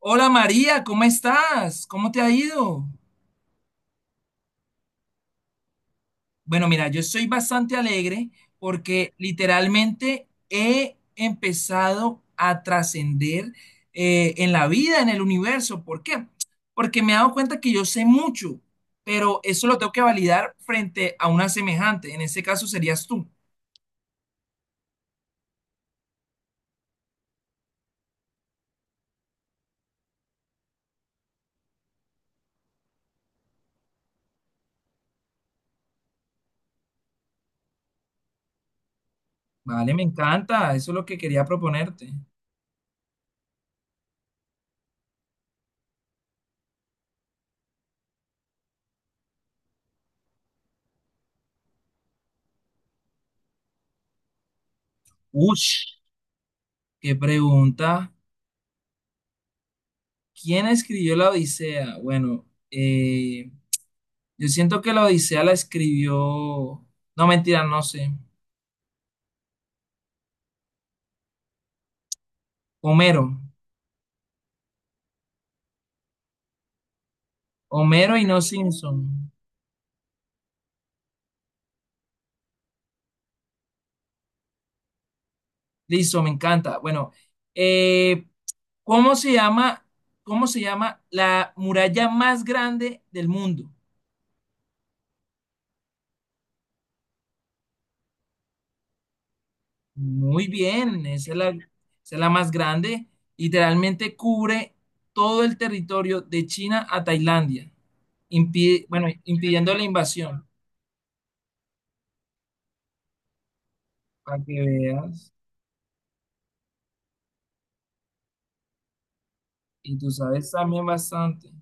Hola María, ¿cómo estás? ¿Cómo te ha ido? Bueno, mira, yo estoy bastante alegre porque literalmente he empezado a trascender en la vida, en el universo. ¿Por qué? Porque me he dado cuenta que yo sé mucho, pero eso lo tengo que validar frente a una semejante. En ese caso serías tú. Vale, me encanta. Eso es lo que quería proponerte. Ush, qué pregunta. ¿Quién escribió la Odisea? Bueno, yo siento que la Odisea la escribió, no mentira, no sé, Homero. Homero y no Simpson. Listo, me encanta. Bueno, eh, ¿cómo se llama, ¿cómo se llama la muralla más grande del mundo? Muy bien, esa es la más grande. Literalmente cubre todo el territorio de China a Tailandia, bueno, impidiendo la invasión, para que veas. Y tú sabes también bastante.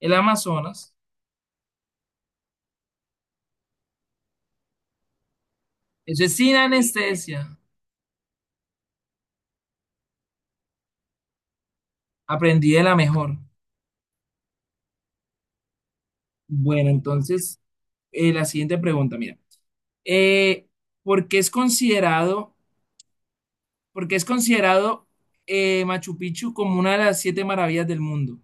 El Amazonas. Eso es sin anestesia. Aprendí de la mejor. Bueno, entonces, la siguiente pregunta, mira. Eh, ¿por qué es considerado, ¿por qué es considerado Machu Picchu como una de las siete maravillas del mundo?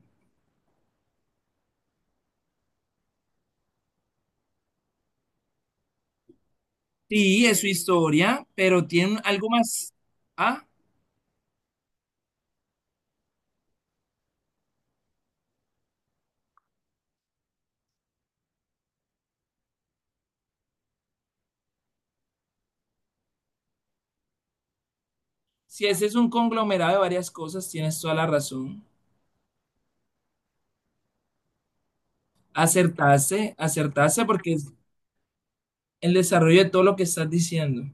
Sí, es su historia, pero tiene algo más. Ah, si ese es un conglomerado de varias cosas, tienes toda la razón. Acertarse, acertarse porque es el desarrollo de todo lo que estás diciendo.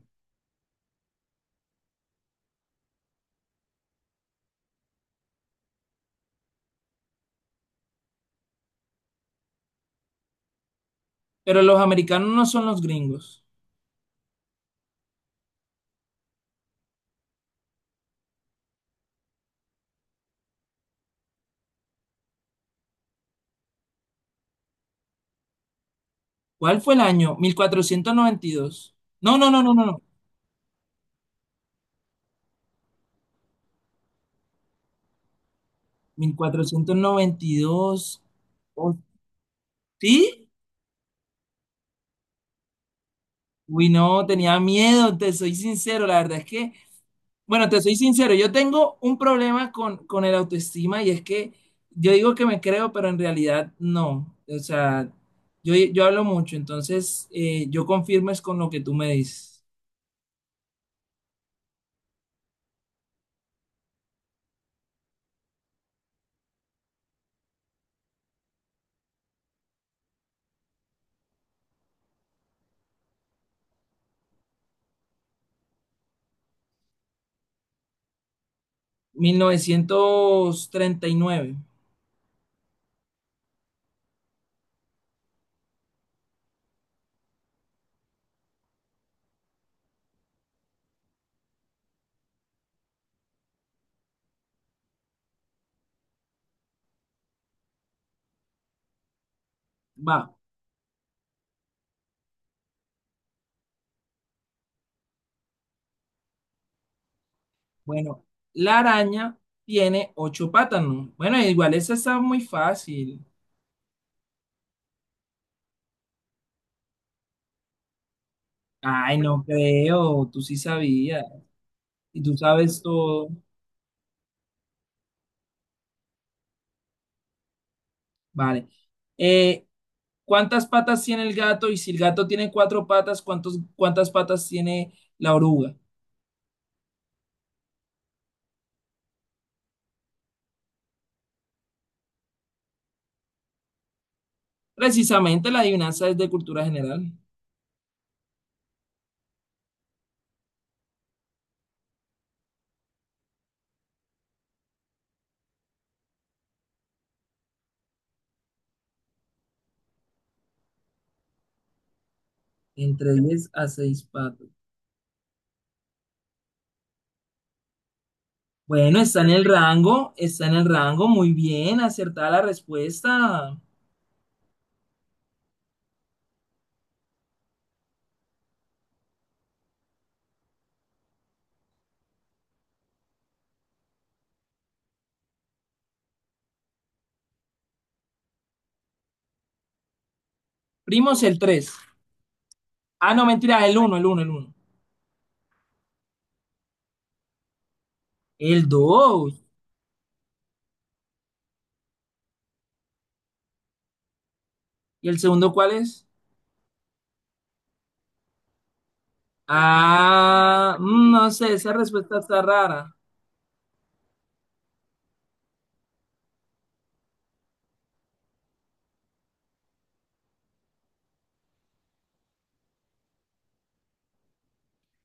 Pero los americanos no son los gringos. ¿Cuál fue el año? 1492. No, no, no, no, no, no. 1492. ¿O sí? Uy, no, tenía miedo, te soy sincero, la verdad es que, bueno, te soy sincero, yo tengo un problema con el autoestima, y es que yo digo que me creo, pero en realidad no. O sea, yo hablo mucho, entonces yo confirmo es con lo que tú me dices. 1939. Va. Bueno, la araña tiene ocho patas, ¿no? Bueno, igual esa está muy fácil. Ay, no creo, tú sí sabías, y tú sabes todo. Vale. Eh, ¿Cuántas patas tiene el gato? Y si el gato tiene cuatro patas, ¿cuántas patas tiene la oruga? Precisamente la adivinanza es de cultura general. Entre 10 a 6 patas. Bueno, está en el rango, está en el rango, muy bien, acertada la respuesta. Primos, el 3. Ah, no, mentira, el uno, el uno, el uno. El dos. ¿Y el segundo cuál es? Ah, no sé, esa respuesta está rara.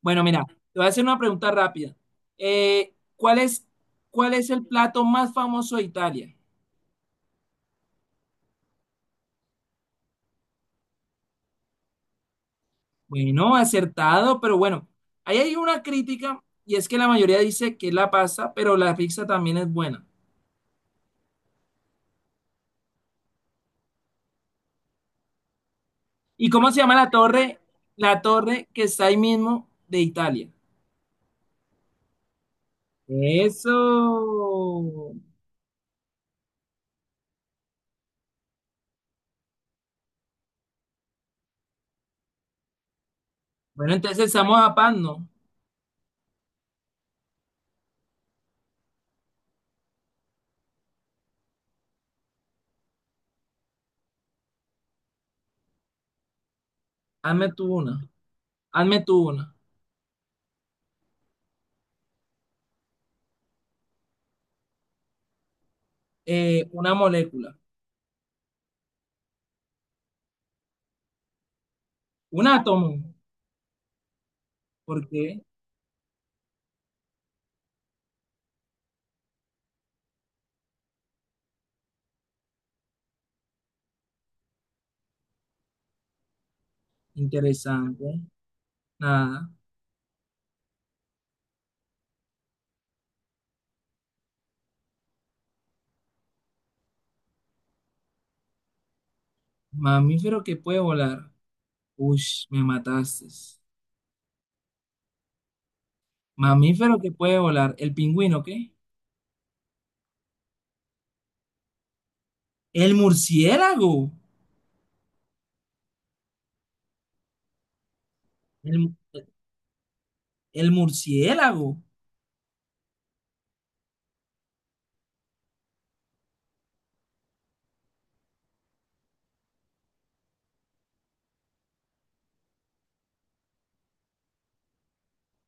Bueno, mira, te voy a hacer una pregunta rápida. Eh, ¿cuál es, ¿cuál es el plato más famoso de Italia? Bueno, acertado, pero bueno, ahí hay una crítica, y es que la mayoría dice que es la pasta, pero la pizza también es buena. ¿Y cómo se llama la torre? La torre que está ahí mismo de Italia. Eso. Bueno, entonces estamos a paz, ¿no? Hazme tú una. Hazme tú una. Una molécula. Un átomo. ¿Por qué? Interesante. Nada. Mamífero que puede volar. Uy, me mataste. Mamífero que puede volar. ¿El pingüino qué? El murciélago. El, el murciélago.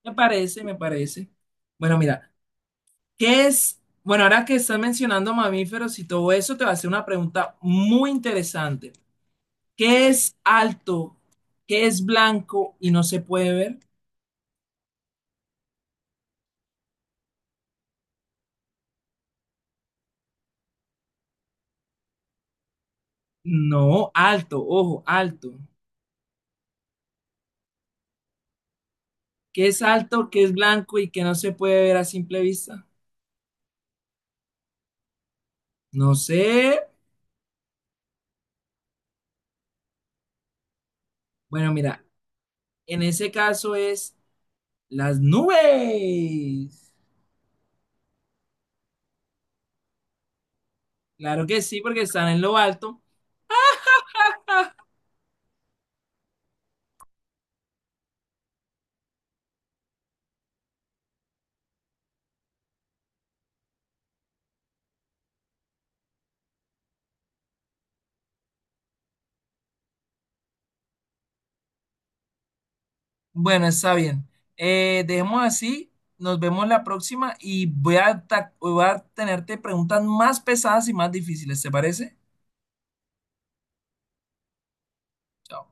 Me parece, me parece. Bueno, mira. ¿Qué es? Bueno, ahora que estás mencionando mamíferos y todo eso, te va a hacer una pregunta muy interesante. ¿Qué es alto? ¿Qué es blanco y no se puede ver? No, alto, ojo, alto. ¿Qué es alto? ¿Qué es blanco y que no se puede ver a simple vista? No sé. Bueno, mira, en ese caso es las nubes. Claro que sí, porque están en lo alto. Bueno, está bien. Dejemos así. Nos vemos la próxima, y voy a tenerte preguntas más pesadas y más difíciles, ¿te parece? Chao.